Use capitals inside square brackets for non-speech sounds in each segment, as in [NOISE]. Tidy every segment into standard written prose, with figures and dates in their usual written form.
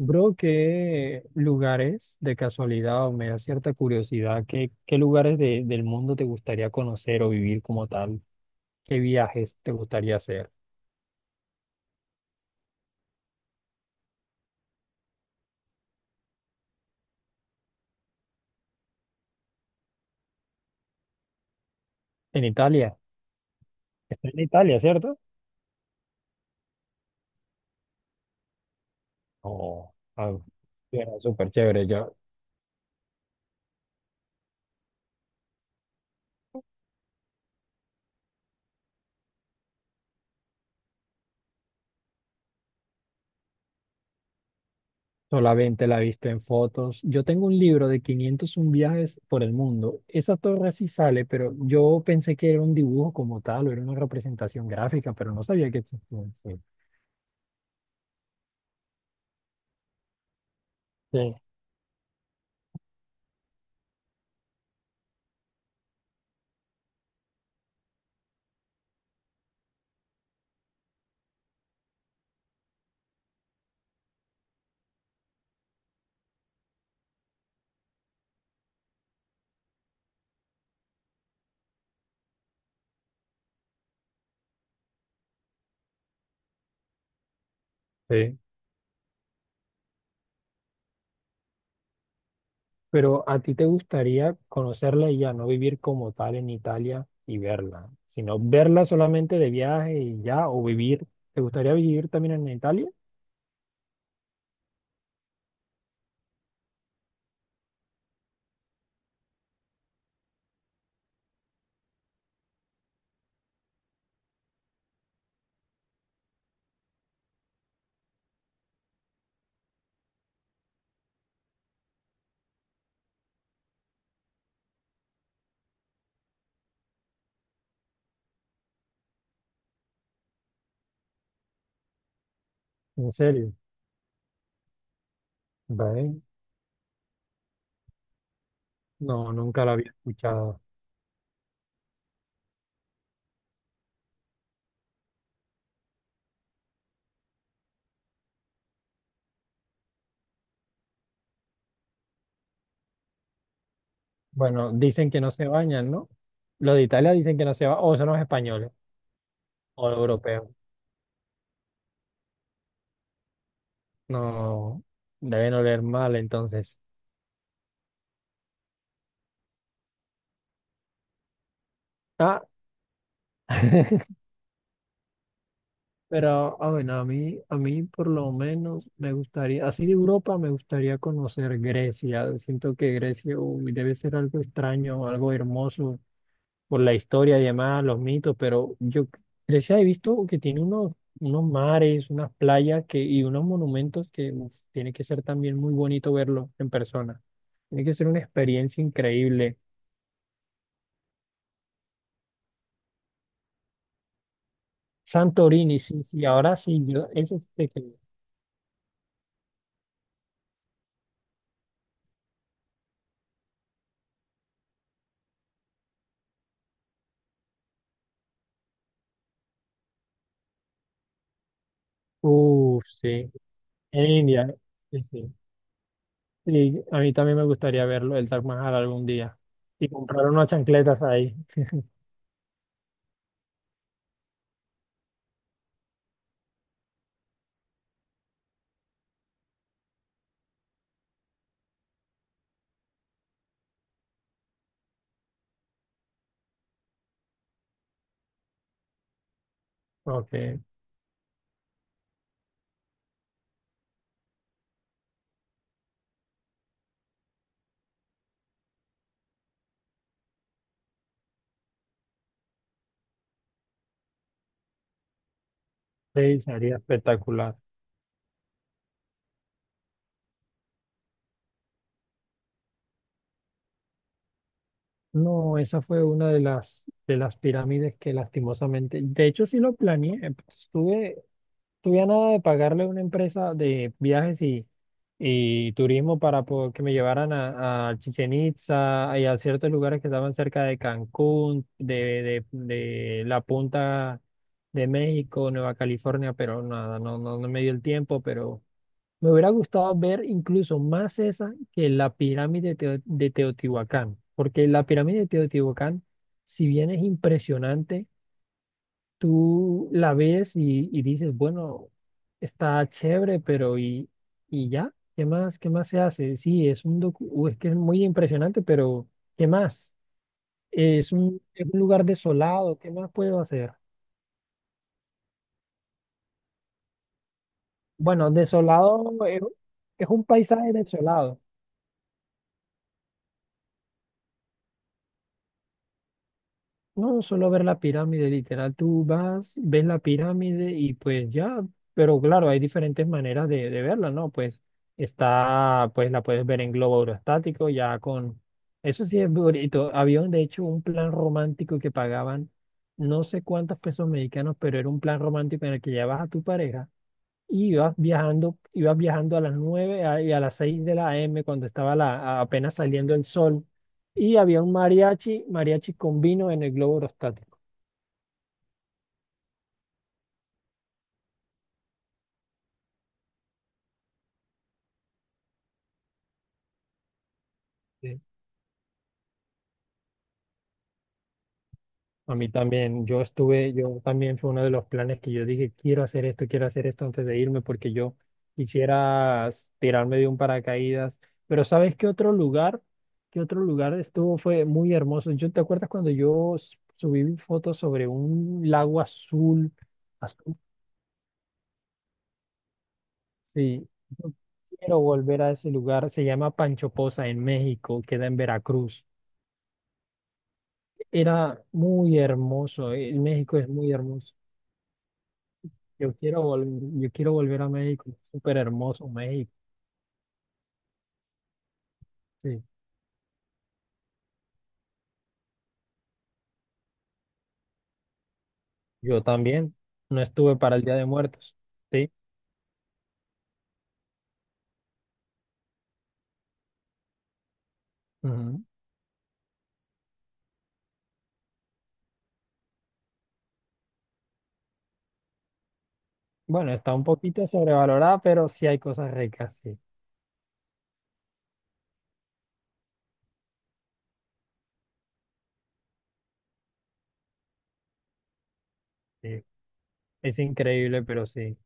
Bro, ¿qué lugares de casualidad o me da cierta curiosidad? ¿Qué lugares del mundo te gustaría conocer o vivir como tal? ¿Qué viajes te gustaría hacer? En Italia. Está en Italia, ¿cierto? Oh, ah, era súper chévere. Yo solamente la he visto en fotos. Yo tengo un libro de 501 viajes por el mundo. Esa torre sí sale, pero yo pensé que era un dibujo como tal o era una representación gráfica, pero no sabía que existía. Sí. Sí. Sí. Pero a ti te gustaría conocerla y ya no vivir como tal en Italia y verla, sino verla solamente de viaje y ya, o vivir. ¿Te gustaría vivir también en Italia? ¿En serio? Ve, no, nunca la había escuchado. Bueno, dicen que no se bañan, ¿no? Los de Italia dicen que no se bañan, o son los españoles, o los europeos. No, deben oler mal entonces. Ah, [LAUGHS] Pero, bueno, a mí por lo menos me gustaría, así de Europa me gustaría conocer Grecia. Siento que Grecia, uy, debe ser algo extraño, algo hermoso por la historia y demás, los mitos, pero yo Grecia he visto que tiene unos mares, unas playas que, y unos monumentos que uf, tiene que ser también muy bonito verlo en persona. Tiene que ser una experiencia increíble. Santorini, sí, sí, ahora sí, yo, eso es de que, uff, sí, en India, sí, sí. Y a mí también me gustaría verlo, el Taj Mahal algún día. Y comprar unas chancletas ahí. Ok, sí, sería espectacular. No, esa fue una de de las pirámides que lastimosamente, de hecho sí lo planeé, pues, estuve tuviera nada de pagarle a una empresa de viajes y turismo para que me llevaran a Chichén Itzá y a ciertos lugares que estaban cerca de Cancún, de la punta de México, Nueva California, pero nada, no me dio el tiempo, pero me hubiera gustado ver incluso más esa que la pirámide de, de Teotihuacán, porque la pirámide de Teotihuacán, si bien es impresionante, tú la ves y dices, bueno, está chévere, y ya, ¿qué más? ¿Qué más se hace? Sí, es un es que es muy impresionante, pero ¿qué más? Es un lugar desolado, ¿qué más puedo hacer? Bueno, desolado es, un paisaje desolado. No, solo ver la pirámide, literal, tú vas, ves la pirámide y pues ya, pero claro, hay diferentes maneras de verla, ¿no? Pues está, pues la puedes ver en globo aerostático, ya con, eso sí es bonito, había de hecho un plan romántico que pagaban no sé cuántos pesos mexicanos, pero era un plan romántico en el que llevabas a tu pareja y ibas viajando a las 9 y a las 6 de la AM cuando estaba la, apenas saliendo el sol y había un mariachi, mariachi con vino en el globo aerostático. Sí. A mí también, yo estuve, yo también fue uno de los planes que yo dije, quiero hacer esto antes de irme porque yo quisiera tirarme de un paracaídas. Pero ¿sabes qué otro lugar? ¿Qué otro lugar estuvo? Fue muy hermoso. ¿Yo te acuerdas cuando yo subí fotos sobre un lago azul? Sí, yo quiero volver a ese lugar. Se llama Pancho Poza en México, queda en Veracruz. Era muy hermoso. México es muy hermoso. Yo quiero volver a México. Es súper hermoso México. Sí. Yo también. No estuve para el Día de Muertos. Sí. Ujú. Bueno, está un poquito sobrevalorada, pero sí hay cosas ricas. Sí. Sí. Es increíble, pero sí.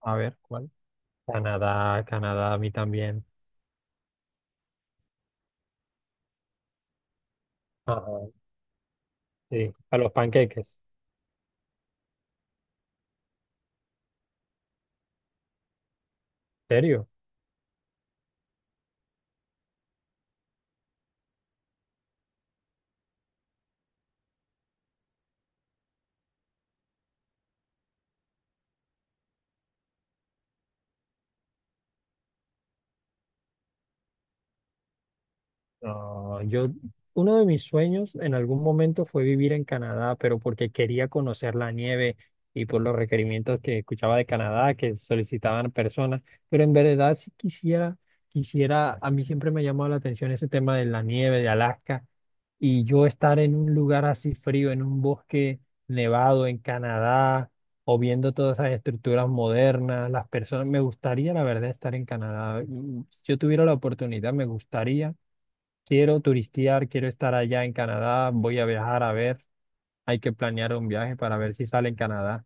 A ver, ¿cuál? Canadá, Canadá, a mí también. Ajá, sí. A los panqueques. ¿En serio? Ah, yo, uno de mis sueños en algún momento fue vivir en Canadá, pero porque quería conocer la nieve y por los requerimientos que escuchaba de Canadá que solicitaban personas, pero en verdad sí quisiera, quisiera, a mí siempre me ha llamado la atención ese tema de la nieve de Alaska y yo estar en un lugar así frío, en un bosque nevado en Canadá o viendo todas esas estructuras modernas, las personas, me gustaría la verdad estar en Canadá. Si yo tuviera la oportunidad, me gustaría quiero turistear, quiero estar allá en Canadá, voy a viajar a ver, hay que planear un viaje para ver si sale en Canadá.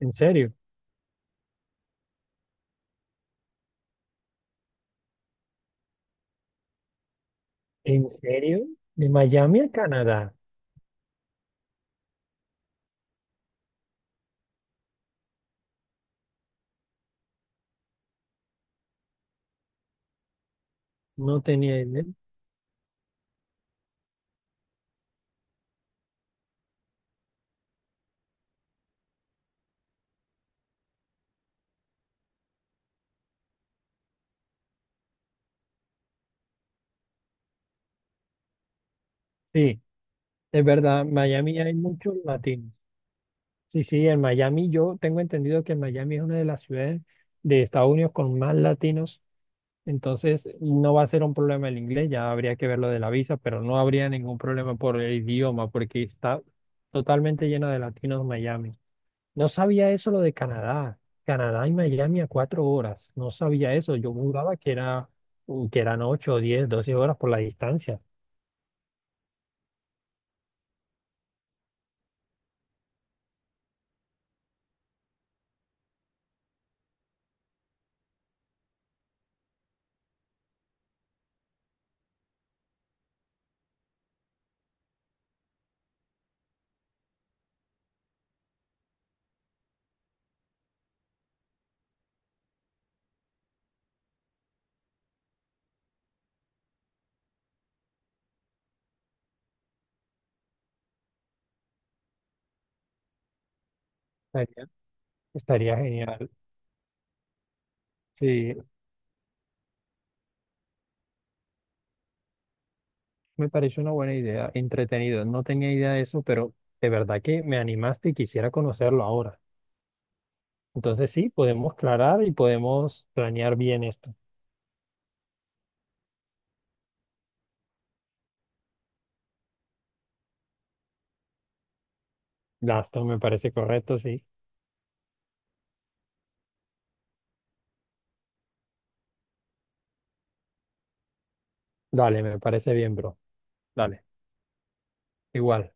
¿En serio? ¿En serio? ¿De Miami a Canadá? No tenía idea. Sí, es verdad, Miami hay muchos latinos. Sí, sí, en Miami yo tengo entendido que Miami es una de las ciudades de Estados Unidos con más latinos, entonces no va a ser un problema el inglés, ya habría que ver lo de la visa, pero no habría ningún problema por el idioma porque está totalmente lleno de latinos Miami. No sabía eso lo de Canadá. Canadá y Miami a 4 horas. No sabía eso. Yo juraba que era, que eran 8, 10, 12 horas por la distancia. Estaría, estaría genial. Sí, me pareció una buena idea. Entretenido. No tenía idea de eso, pero de verdad que me animaste y quisiera conocerlo ahora. Entonces sí, podemos aclarar y podemos planear bien esto. Gasto me parece correcto, sí. Dale, me parece bien, bro. Dale, igual.